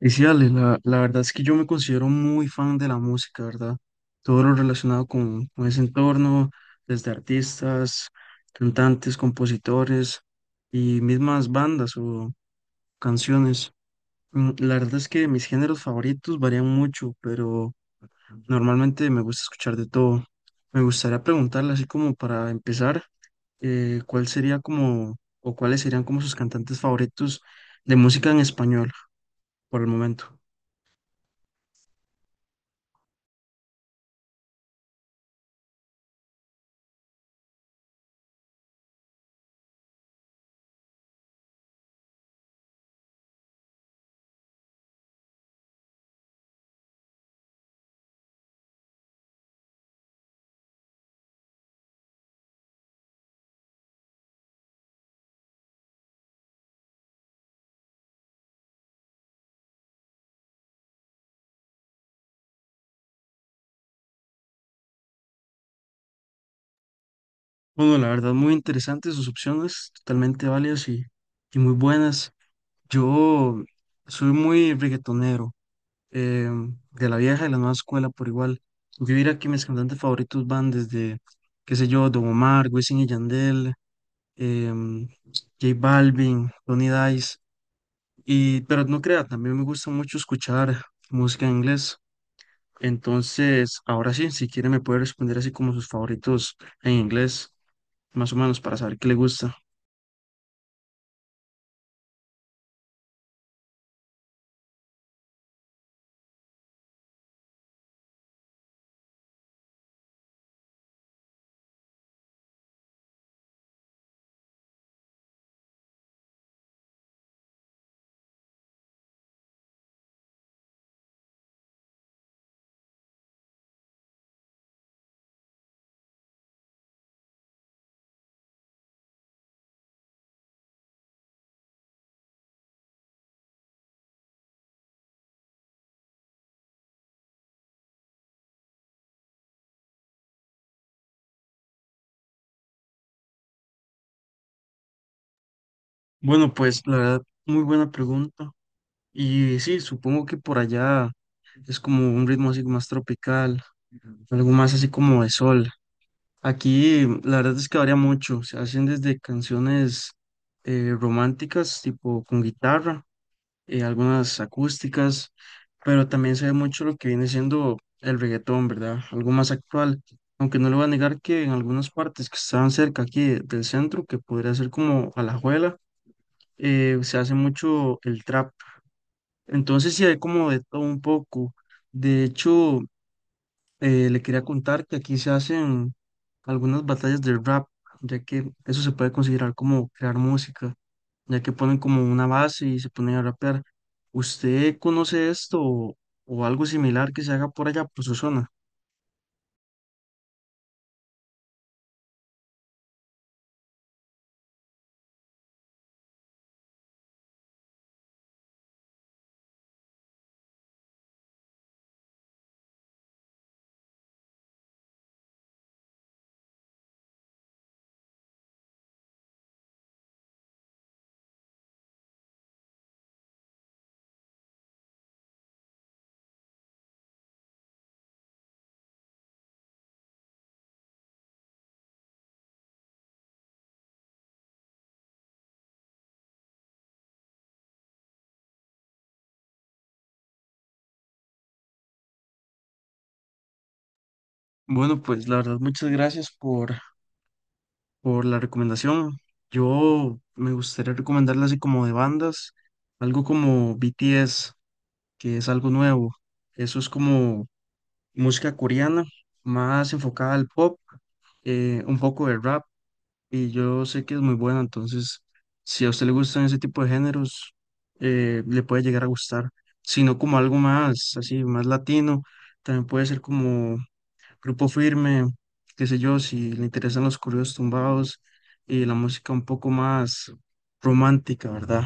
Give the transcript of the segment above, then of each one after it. Y sí, Ale, la verdad es que yo me considero muy fan de la música, ¿verdad? Todo lo relacionado con ese entorno, desde artistas, cantantes, compositores y mismas bandas o canciones. Mm, la verdad es que mis géneros favoritos varían mucho, pero normalmente me gusta escuchar de todo. Me gustaría preguntarle, así como para empezar, ¿cuál sería como, o cuáles serían como sus cantantes favoritos de música en español por el momento? Bueno, la verdad, muy interesantes sus opciones, totalmente válidas y muy buenas. Yo soy muy reggaetonero, eh, de la vieja y la nueva escuela por igual. Yo diría que mis cantantes favoritos van desde, qué sé yo, Don Omar, Wisin y Yandel, em, J Balvin, Tony Dice. Y, pero no crea, también me gusta mucho escuchar música en inglés. Entonces, ahora sí, si quiere me puede responder así como sus favoritos en inglés, más o menos, para saber qué le gusta. Bueno, pues la verdad, muy buena pregunta. Y sí, supongo que por allá es como un ritmo así más tropical, algo más así como de sol. Aquí la verdad es que varía mucho. Se hacen desde canciones románticas, tipo con guitarra, algunas acústicas, pero también se ve mucho lo que viene siendo el reggaetón, ¿verdad? Algo más actual. Aunque no le voy a negar que en algunas partes que estaban cerca aquí del centro, que podría ser como Alajuela, se hace mucho el trap. Entonces sí hay como de todo un poco. De hecho, le quería contar que aquí se hacen algunas batallas de rap, ya que eso se puede considerar como crear música, ya que ponen como una base y se ponen a rapear. ¿Usted conoce esto o algo similar que se haga por allá, por su zona? Bueno, pues la verdad, muchas gracias por la recomendación. Yo me gustaría recomendarle así como de bandas, algo como BTS, que es algo nuevo. Eso es como música coreana, más enfocada al pop, un poco de rap, y yo sé que es muy buena, entonces si a usted le gustan ese tipo de géneros, le puede llegar a gustar, sino como algo más, así, más latino, también puede ser como Grupo Firme, qué sé yo, si le interesan los corridos tumbados y la música un poco más romántica, ¿verdad?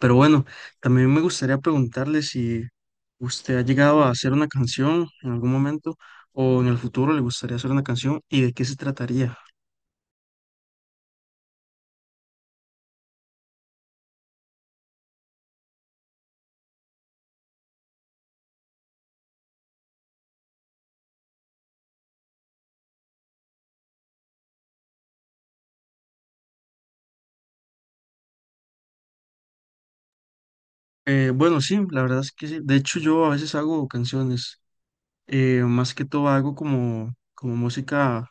Pero bueno, también me gustaría preguntarle si usted ha llegado a hacer una canción en algún momento o en el futuro le gustaría hacer una canción y de qué se trataría. Bueno, sí, la verdad es que sí. De hecho, yo a veces hago canciones, más que todo hago como, como música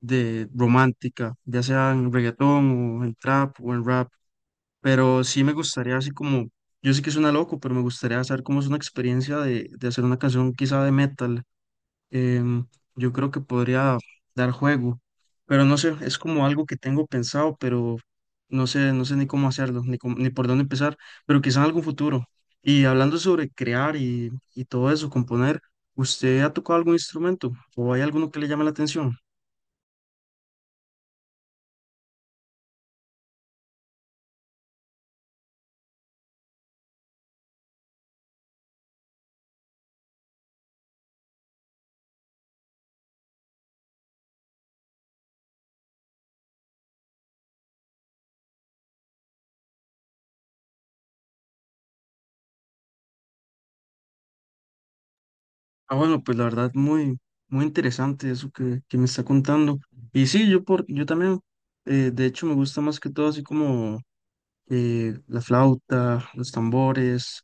de romántica, ya sea en reggaetón o en trap o en rap, pero sí me gustaría así como, yo sé que suena loco, pero me gustaría saber cómo es una experiencia de hacer una canción quizá de metal. em, yo creo que podría dar juego, pero no sé, es como algo que tengo pensado, pero no sé, no sé ni cómo hacerlo, ni por dónde empezar, pero quizá en algún futuro. Y hablando sobre crear y todo eso, componer, ¿usted ha tocado algún instrumento o hay alguno que le llame la atención? Ah, bueno, pues la verdad, muy, muy interesante eso que me está contando. Y sí, yo, por, yo también, de hecho, me gusta más que todo así como la flauta, los tambores,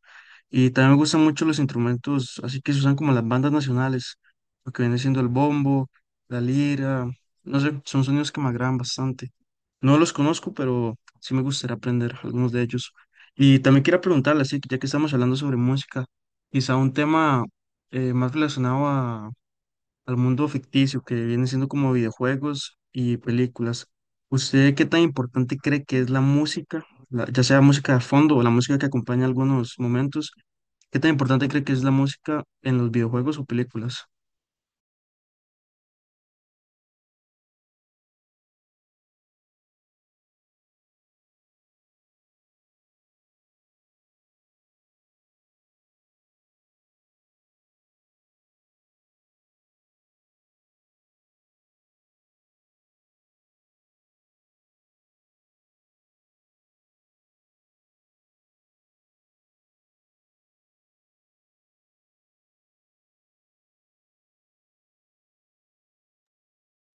y también me gustan mucho los instrumentos, así que se usan como en las bandas nacionales, lo que viene siendo el bombo, la lira, no sé, son sonidos que me agradan bastante. No los conozco, pero sí me gustaría aprender algunos de ellos. Y también quiero preguntarle, así que ya que estamos hablando sobre música, quizá un tema más relacionado a al mundo ficticio que viene siendo como videojuegos y películas. ¿Usted qué tan importante cree que es la música, ya sea música de fondo o la música que acompaña algunos momentos? ¿Qué tan importante cree que es la música en los videojuegos o películas?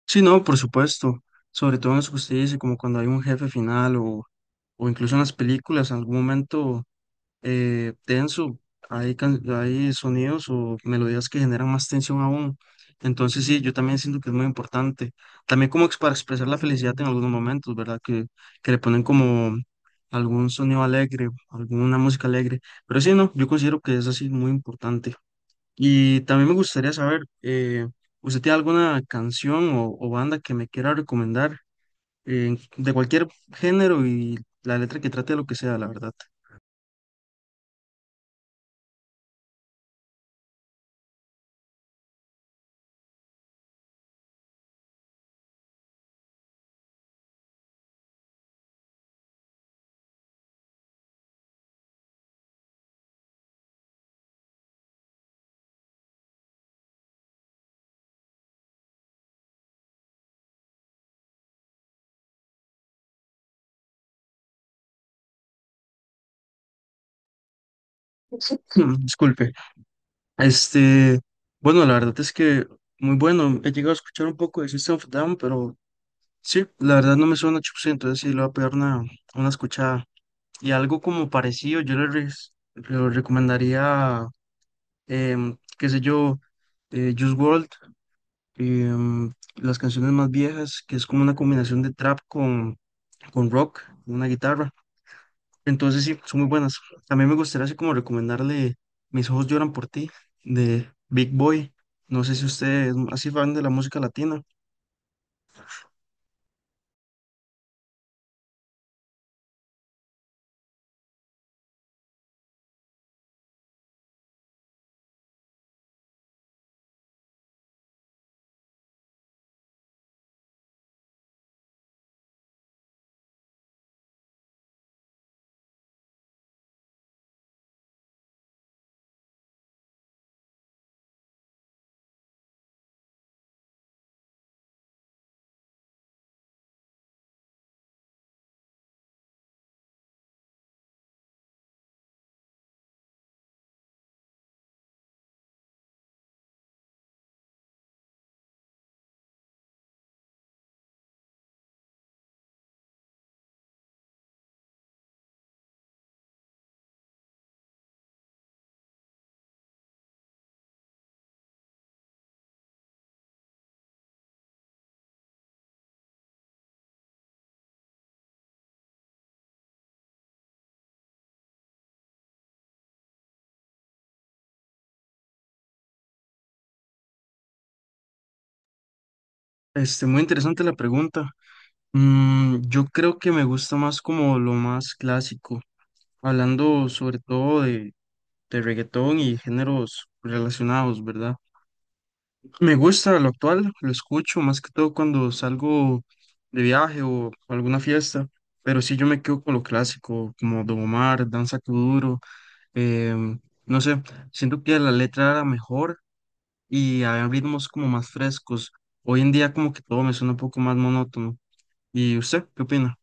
Sí, no, por supuesto. Sobre todo en eso que usted dice, como cuando hay un jefe final o incluso en las películas, en algún momento tenso, hay, hay sonidos o melodías que generan más tensión aún. Entonces sí, yo también siento que es muy importante. También como para expresar la felicidad en algunos momentos, ¿verdad? Que le ponen como algún sonido alegre, alguna música alegre. Pero sí, no, yo considero que es así muy importante. Y también me gustaría saber, ¿usted tiene alguna canción o banda que me quiera recomendar de cualquier género y la letra que trate de lo que sea, la verdad? Disculpe. Este, bueno, la verdad es que muy bueno. He llegado a escuchar un poco de System of a Down, pero sí, la verdad no me suena mucho, sí, entonces sí le voy a pegar una escuchada. Y algo como parecido, yo le recomendaría, qué sé yo, Juice World, em, las canciones más viejas, que es como una combinación de trap con rock, una guitarra. Entonces sí, son muy buenas. También me gustaría así como recomendarle Mis ojos lloran por ti de Big Boy. No sé si usted es así fan de la música latina. Este, muy interesante la pregunta. Mm, yo creo que me gusta más como lo más clásico, hablando sobre todo de reggaetón y géneros relacionados, ¿verdad? Me gusta lo actual, lo escucho más que todo cuando salgo de viaje o a alguna fiesta, pero sí yo me quedo con lo clásico, como Don Omar, Danza Kuduro, em, no sé, siento que la letra era mejor y había ritmos como más frescos. Hoy en día como que todo me suena un poco más monótono. ¿Y usted qué opina?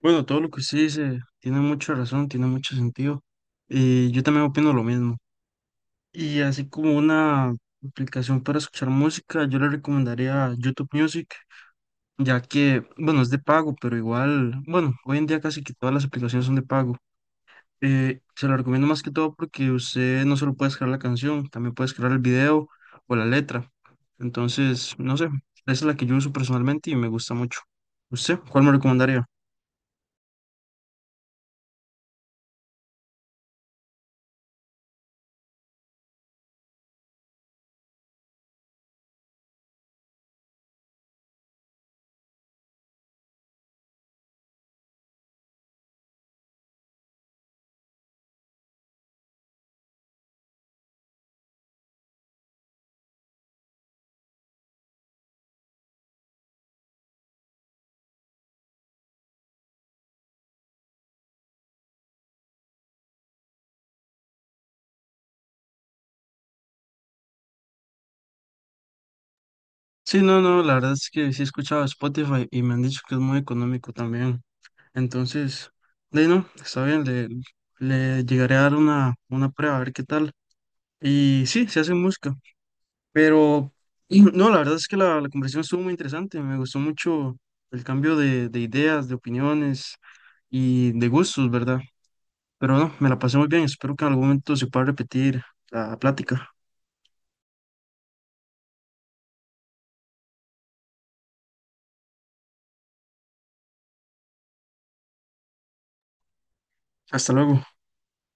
Bueno, todo lo que usted dice tiene mucha razón, tiene mucho sentido. Y yo también opino lo mismo. Y así como una aplicación para escuchar música, yo le recomendaría YouTube Music, ya que, bueno, es de pago, pero igual, bueno, hoy en día casi que todas las aplicaciones son de pago. Se lo recomiendo más que todo porque usted no solo puede crear la canción, también puede crear el video o la letra. Entonces, no sé, esa es la que yo uso personalmente y me gusta mucho. ¿Usted cuál me recomendaría? Sí, no, no, la verdad es que sí he escuchado Spotify y me han dicho que es muy económico también. Entonces, de ahí no, está bien, le llegaré a dar una prueba a ver qué tal. Y sí, se hace música. Pero y no, la verdad es que la conversación estuvo muy interesante. Me gustó mucho el cambio de ideas, de opiniones y de gustos, ¿verdad? Pero no, me la pasé muy bien. Espero que en algún momento se pueda repetir la plática. Hasta luego.